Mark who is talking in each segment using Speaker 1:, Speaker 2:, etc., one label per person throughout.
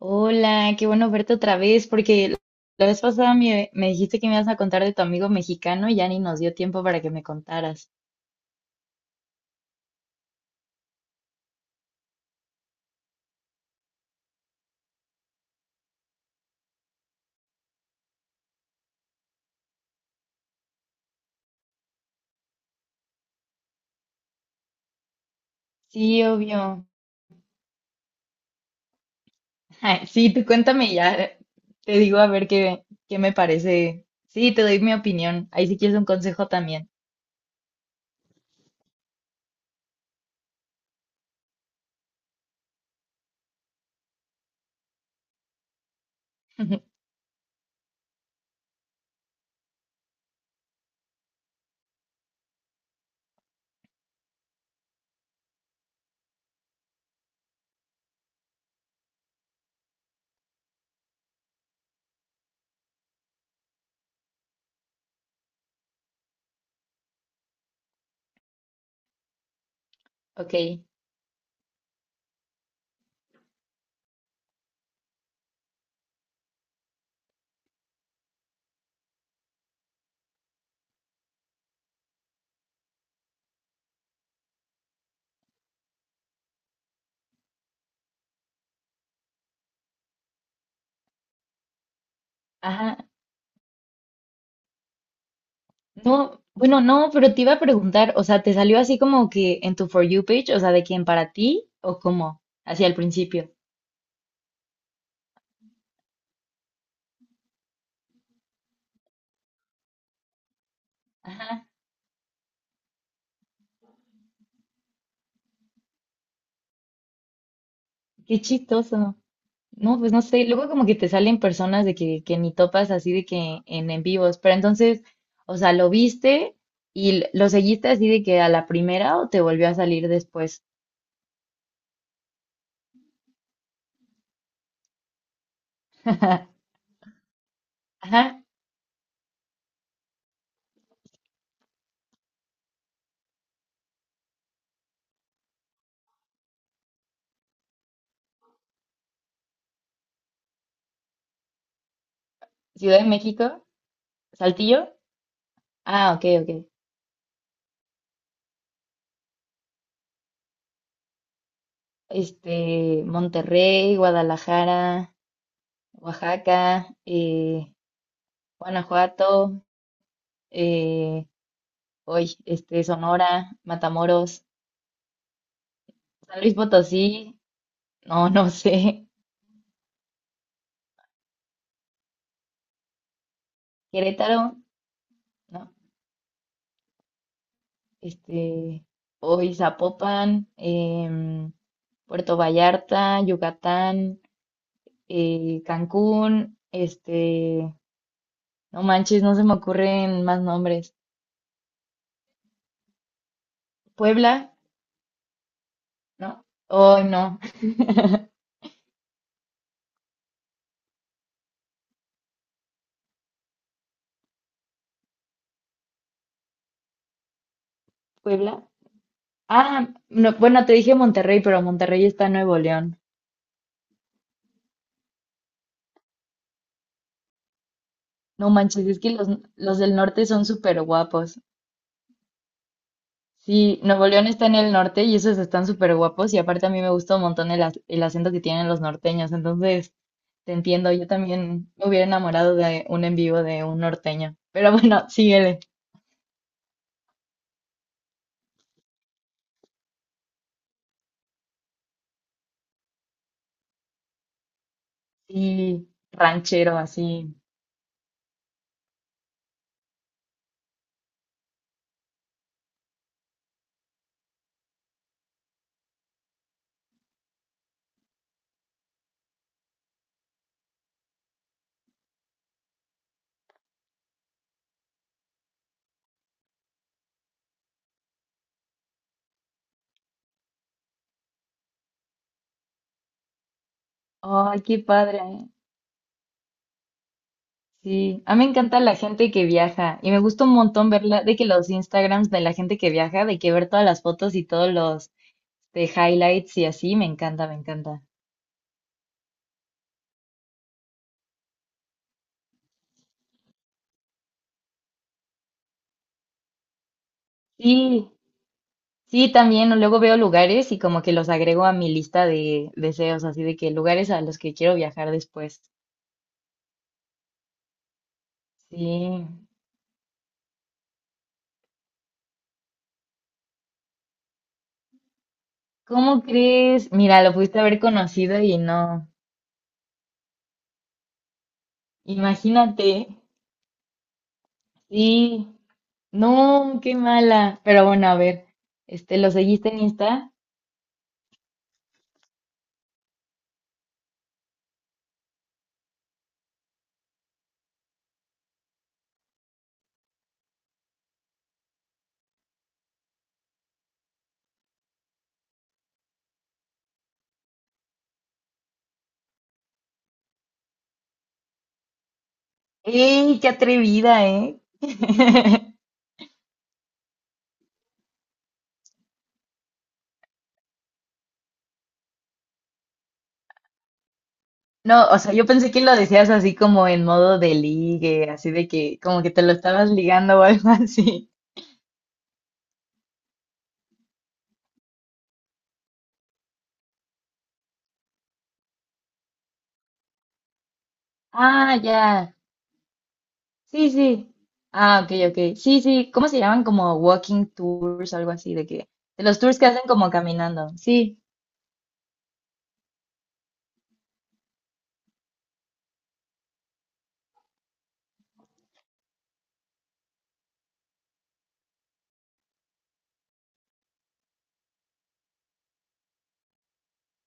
Speaker 1: Hola, qué bueno verte otra vez, porque la vez pasada me dijiste que me ibas a contar de tu amigo mexicano y ya ni nos dio tiempo para que me contaras. Sí, obvio. Sí, tú cuéntame y ya, te digo a ver qué me parece. Sí, te doy mi opinión. Ahí si quieres un consejo también. Ok. Ajá. No, bueno, no, pero te iba a preguntar, o sea, ¿te salió así como que en tu For You page, o sea, de quién para ti o cómo? Hacia el principio. Qué chistoso. No, pues no sé, luego como que te salen personas de que ni topas así de que en vivos, pero entonces, o sea, lo viste y lo seguiste así de que a la primera o te volvió a salir después. Ajá, Ciudad de México, Saltillo, ah, ok, ok. Este, Monterrey, Guadalajara, Oaxaca, eh, Guanajuato, eh, hoy, este, Sonora, Matamoros, San Luis Potosí, no, no sé, Querétaro. No. Este, hoy Zapopan, Puerto Vallarta, Yucatán, Cancún, este, no manches, no se me ocurren más nombres. Puebla, ¿no? Oh, no, Puebla. Ah, no, bueno, te dije Monterrey, pero Monterrey está en Nuevo León. No manches, es que los del norte son súper guapos. Sí, Nuevo León está en el norte y esos están súper guapos y aparte a mí me gusta un montón el, el acento que tienen los norteños, entonces te entiendo, yo también me hubiera enamorado de un en vivo de un norteño, pero bueno, síguele, sí, ranchero así, ay, qué padre, ¿eh? Sí, a mí me encanta la gente que viaja y me gusta un montón verla, de que los Instagrams de la gente que viaja, de que ver todas las fotos y todos los de highlights y así, me encanta, me encanta. Sí, sí, también o luego veo lugares y como que los agrego a mi lista de deseos, así de que lugares a los que quiero viajar después. Sí. ¿Cómo crees? Mira, lo pudiste haber conocido y no. Imagínate. Sí. No, qué mala. Pero bueno, a ver. Este, ¿lo seguiste en Insta? ¡Ey, qué atrevida, eh! No, o sea, yo pensé que lo decías así como en modo de ligue, así de que como que te lo estabas ligando o algo así. Ah, ya. Sí, sí. Ah, ok, ok. Sí, sí. ¿Cómo se llaman? Como walking tours, algo así, de que, de los tours que hacen como caminando. Sí.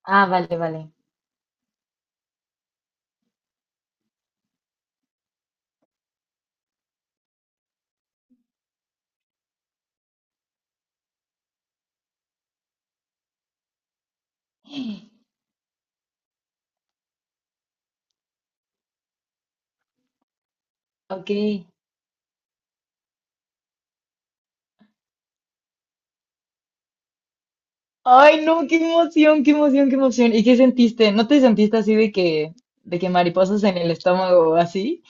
Speaker 1: Ah, vale, vale. Ok. Ay, no, qué emoción, qué emoción, qué emoción. ¿Y qué sentiste? ¿No te sentiste así de que mariposas en el estómago o así?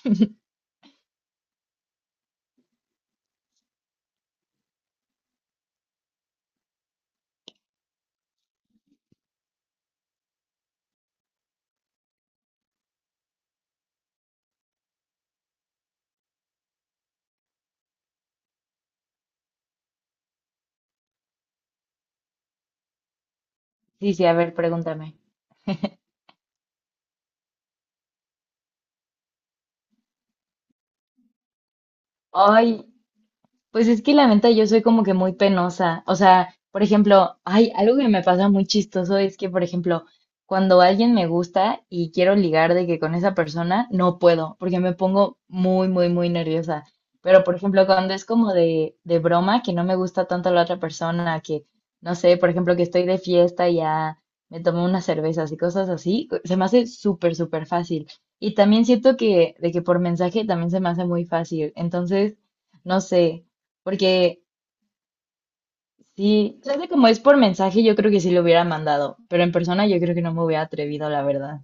Speaker 1: Sí, sí, a ver, pregúntame. Ay, pues es que la neta yo soy como que muy penosa. O sea, por ejemplo, hay algo que me pasa muy chistoso es que, por ejemplo, cuando alguien me gusta y quiero ligar de que con esa persona, no puedo, porque me pongo muy, muy, muy nerviosa. Pero, por ejemplo, cuando es como de broma, que no me gusta tanto la otra persona, que, no sé, por ejemplo, que estoy de fiesta y ya me tomo unas cervezas y cosas así, se me hace súper, súper fácil. Y también siento que, de que por mensaje también se me hace muy fácil. Entonces no sé, porque sí, tal vez como es por mensaje, yo creo que sí lo hubiera mandado, pero en persona yo creo que no me hubiera atrevido, la verdad.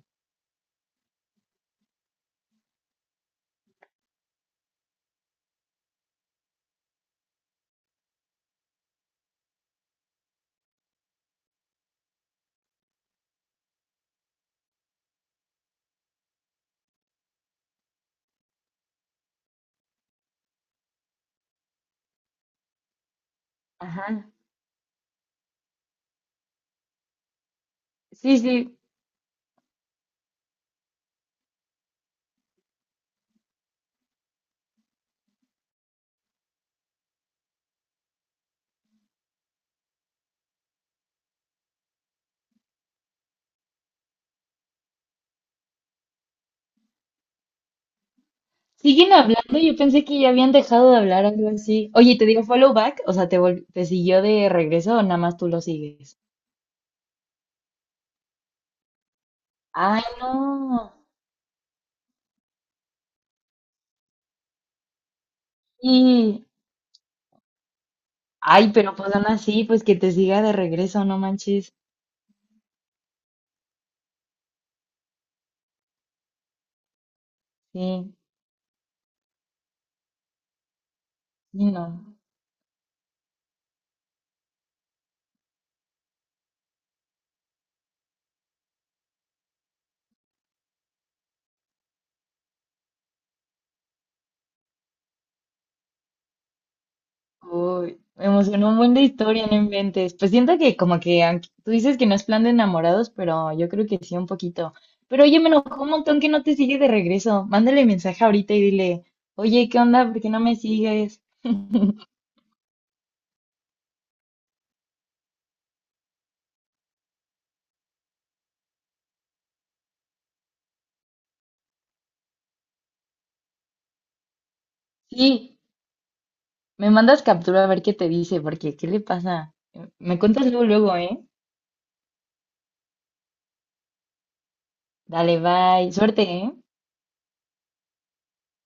Speaker 1: Ajá. Sí, sí. Siguen hablando, yo pensé que ya habían dejado de hablar, algo así. Oye, ¿te digo follow back? O sea, ¿te, te siguió de regreso o nada más tú lo sigues? Ay, no. Y, ay, pero pues aún así, pues que te siga de regreso, no manches. Sí, sí, no. Uy, me emocionó un buen de historia, no inventes. Pues siento que como que aunque tú dices que no es plan de enamorados, pero yo creo que sí un poquito. Pero oye, me enojó un montón que no te sigue de regreso. Mándale mensaje ahorita y dile, oye, ¿qué onda? ¿Por qué no me sigues? Sí, me mandas captura a ver qué te dice, porque ¿qué le pasa? Me cuentas luego, luego, ¿eh? Dale, bye. Suerte, ¿eh?